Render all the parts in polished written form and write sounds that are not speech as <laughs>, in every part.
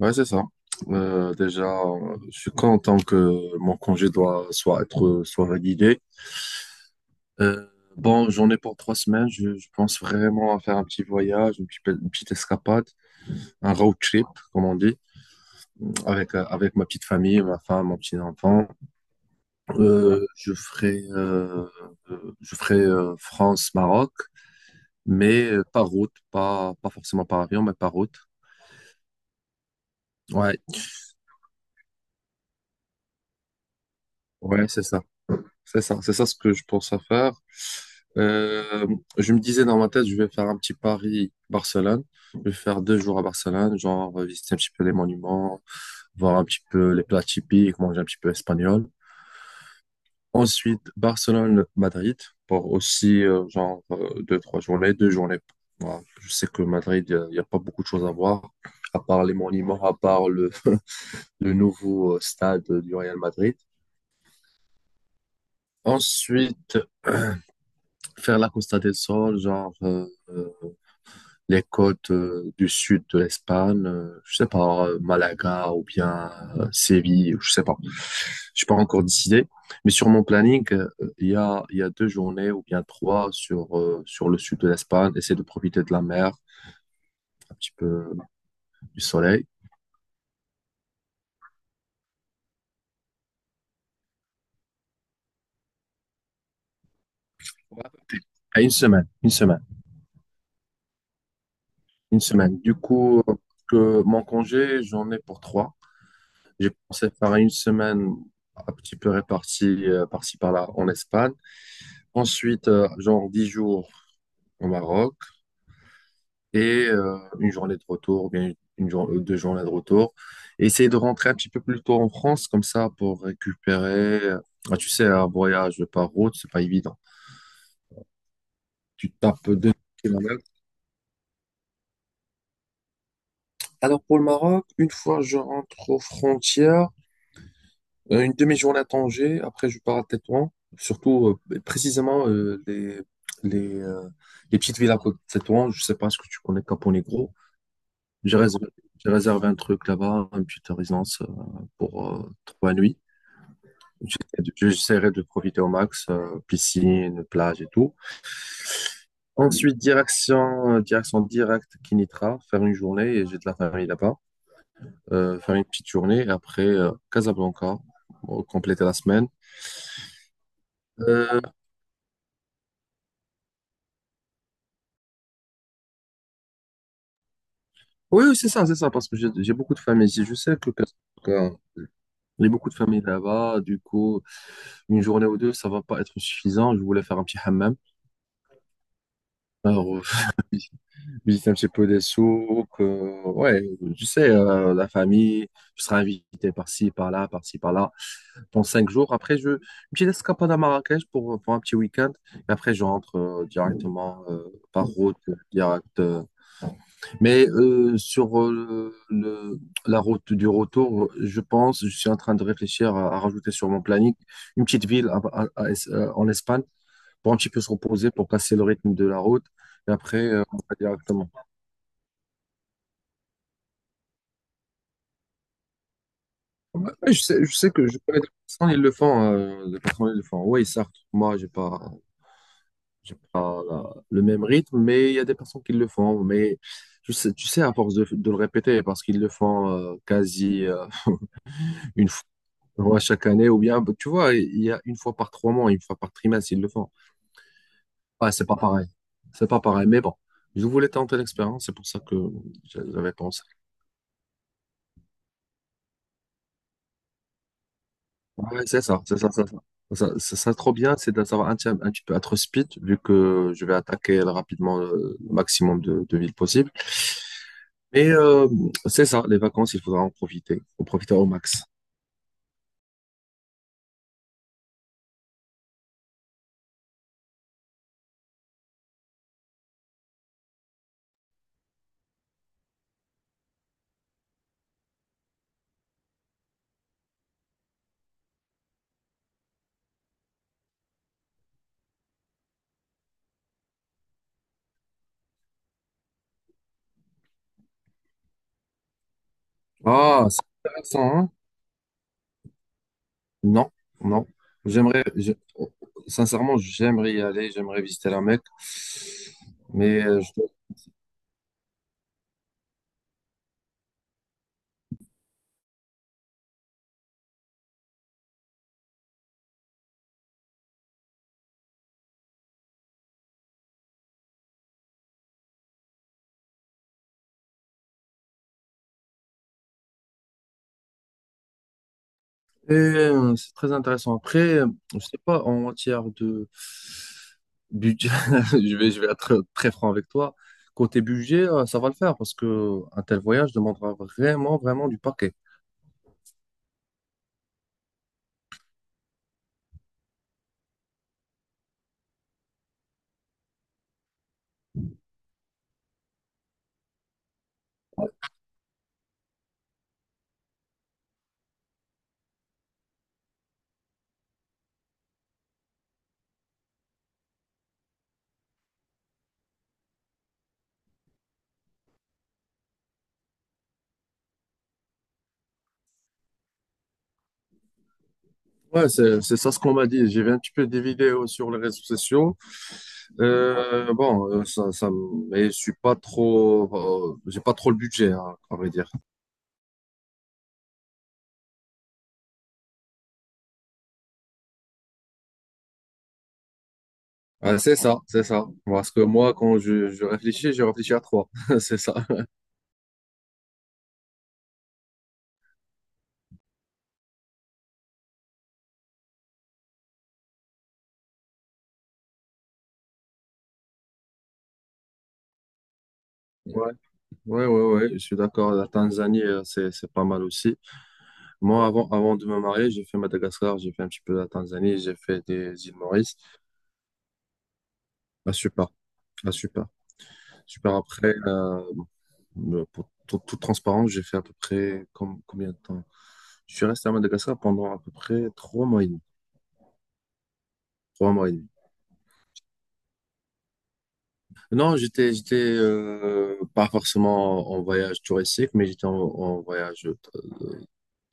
Ouais, c'est ça. Déjà, je suis content que mon congé doit soit être soit validé. Euh, bon, j'en ai pour 3 semaines. Je pense vraiment à faire un petit voyage, une petite escapade, un road trip, comme on dit, avec ma petite famille, ma femme, mon petit enfant. Euh, je ferai euh, je ferai France-Maroc, mais par route, pas forcément par avion, mais par route. Ouais, ouais, c'est ça, c'est ça, c'est ça ce que je pense à faire. Euh, je me disais dans ma tête, je vais faire un petit Paris-Barcelone. Je vais faire 2 jours à Barcelone, genre visiter un petit peu les monuments, voir un petit peu les plats typiques, manger un petit peu espagnol. Ensuite, Barcelone-Madrid pour aussi genre deux, trois journées, deux journées. Voilà. Je sais que Madrid, y a pas beaucoup de choses à voir, à part les monuments, à part le, <laughs> le nouveau stade du Real Madrid. Ensuite, faire la Costa del Sol, genre les côtes du sud de l'Espagne, je sais pas, Malaga ou bien Séville, je sais pas. J'ai pas encore décidé, mais sur mon planning, il y a deux journées ou bien trois sur sur le sud de l'Espagne. Essayer de profiter de la mer, un petit peu du soleil. À une semaine, une semaine, une semaine. Du coup, que mon congé, j'en ai pour trois. J'ai pensé faire une semaine un petit peu répartie par-ci par-là en Espagne. Ensuite, genre 10 jours au Maroc et une journée de retour, ou bien deux journées de retour. Et essayer de rentrer un petit peu plus tôt en France, comme ça, pour récupérer. Ah, tu sais, un voyage par route, c'est pas évident. Tu tapes 2 kilomètres. Alors pour le Maroc, une fois je rentre aux frontières, une demi-journée à Tanger, après je pars à Tétouan, surtout précisément les, euh, les petites villes à côté de Tétouan. Je sais pas ce que tu connais Caponegro. J'ai réservé, j'ai réservé un truc là-bas, une petite résidence pour 3 nuits. J'essaierai de profiter au max, piscine, plage et tout. Ensuite, direction directe Kinitra, faire une journée, et j'ai de la famille là-bas. Faire une petite journée, et après Casablanca, pour compléter la semaine. Euh, oui, oui, c'est ça, parce que j'ai beaucoup de familles ici. Je sais que Casablanca, il y a beaucoup de familles là-bas, du coup, une journée ou deux, ça va pas être suffisant. Je voulais faire un petit hammam. Alors, <laughs> visiter un petit peu des souks. Ouais, tu sais, la famille, je serai invité par-ci, par-là, par-ci, par-là. Pendant 5 jours, après, je, une petite escapade à Marrakech pour un petit week-end. Et après, je rentre directement par route, direct. Mais sur la route du retour, je pense, je suis en train de réfléchir à rajouter sur mon planning une petite ville en Espagne pour un petit peu se reposer, pour casser le rythme de la route. Et après, on va directement. Ouais, je sais que je connais des personnes, ils le font, des personnes, ils le font. Oui, certes, moi, j'ai pas le même rythme, mais il y a des personnes qui le font. Mais je sais, tu sais, à force de le répéter, parce qu'ils le font quasi une fois ouais, chaque année, ou bien, tu vois, il y a une fois par 3 mois, une fois par trimestre, ils le font. Ouais, c'est pas pareil. C'est pas pareil, mais bon, je voulais tenter l'expérience, c'est pour ça que j'avais pensé. Ouais, c'est ça, c'est ça, c'est ça. Ça, trop bien, c'est de savoir un petit peu être speed, vu que je vais attaquer rapidement le maximum de villes possibles. Mais c'est ça, les vacances, il faudra en profiter au max. Ah, c'est intéressant, hein? Non, non. J'aimerais, oh, sincèrement, j'aimerais y aller, j'aimerais visiter la Mecque. Mais je C'est très intéressant. Après, je sais pas, en matière de budget, <laughs> je vais être très, franc avec toi. Côté budget, ça va le faire parce que un tel voyage demandera vraiment, vraiment du paquet. Ouais, c'est ça ce qu'on m'a dit. J'ai vu un petit peu des vidéos sur les réseaux sociaux. Bon, mais je suis pas trop, j'ai pas trop le budget, hein, à vrai dire. C'est ça, c'est ça. Parce que moi, quand je réfléchis à trois. <laughs> C'est ça. Ouais, ouais, ouais, je suis d'accord. La Tanzanie, c'est pas mal aussi. Moi, avant de me marier, j'ai fait Madagascar, j'ai fait un petit peu la Tanzanie, j'ai fait des îles Maurice. Ah, super. Ah, super. Super. Après, pour toute transparence, j'ai fait à peu près combien de temps? Je suis resté à Madagascar pendant à peu près 3 mois et demi. 3 mois et demi. Non, j'étais pas forcément en voyage touristique, mais j'étais en voyage de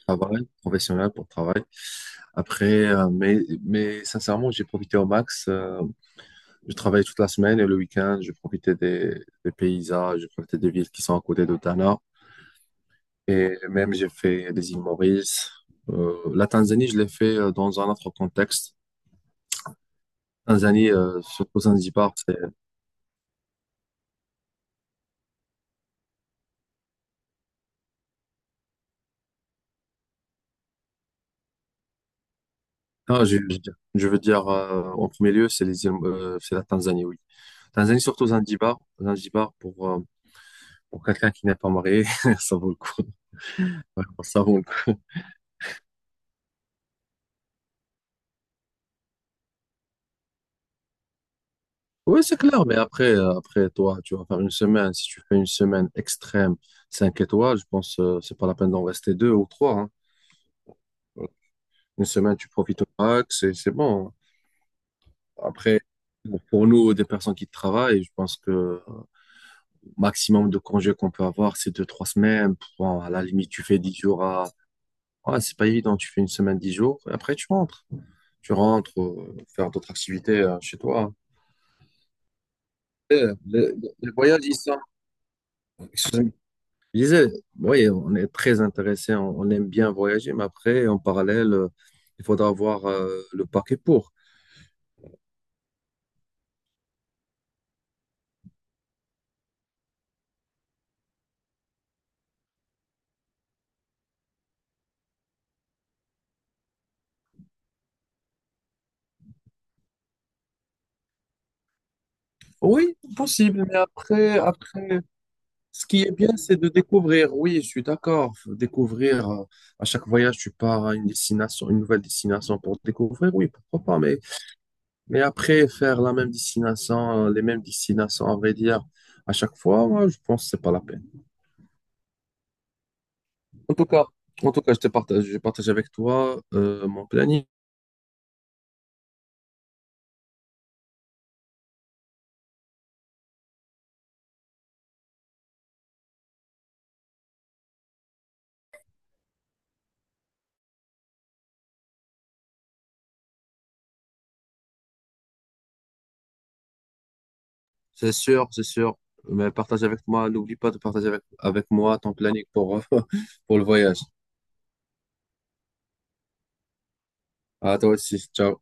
travail, professionnel pour travail. Après, mais sincèrement, j'ai profité au max. Je travaillais toute la semaine et le week-end, je profitais des paysages, je profitais des villes qui sont à côté de Tana. Et même, j'ai fait des îles Maurice. La Tanzanie, je l'ai fait dans un autre contexte. Tanzanie, surtout Zanzibar, c'est… Non, je veux dire, en premier lieu, c'est les îles, c'est la Tanzanie, oui. Tanzanie, surtout Zanzibar. Zanzibar, pour quelqu'un qui n'est pas marié, <laughs> ça vaut le coup. Ouais, ça vaut le coup. Oui, c'est clair, mais après, après toi, tu vas faire une semaine. Si tu fais une semaine extrême, 5 étoiles, je pense que c'est pas la peine d'en rester deux ou trois, hein. Voilà. Une semaine, tu profites au max et c'est bon, hein. Après, pour nous, des personnes qui travaillent, je pense que le maximum de congés qu'on peut avoir, c'est deux, trois semaines. Bon, à la limite, tu fais 10 jours à… Ouais, c'est pas évident, tu fais une semaine, 10 jours, et après tu rentres. Tu rentres, faire d'autres activités chez toi. Et euh, Les, les voyages, ils sont… Je disais, oui, on est très intéressé, on aime bien voyager, mais après, en parallèle, il faudra avoir le paquet pour. Oui, possible, mais après, ce qui est bien, c'est de découvrir. Oui, je suis d'accord. Faut découvrir, à chaque voyage, tu pars à une destination, une nouvelle destination pour découvrir. Oui, pourquoi pas. Mais après, faire la même destination, les mêmes destinations, à vrai dire, à chaque fois, moi, je pense que c'est pas la peine. En tout cas, en tout cas, je te partage, je partage avec toi, mon planning. C'est sûr, c'est sûr. Mais partage avec moi, n'oublie pas de partager avec moi ton planning pour, <laughs> pour le voyage. À toi aussi. Ciao.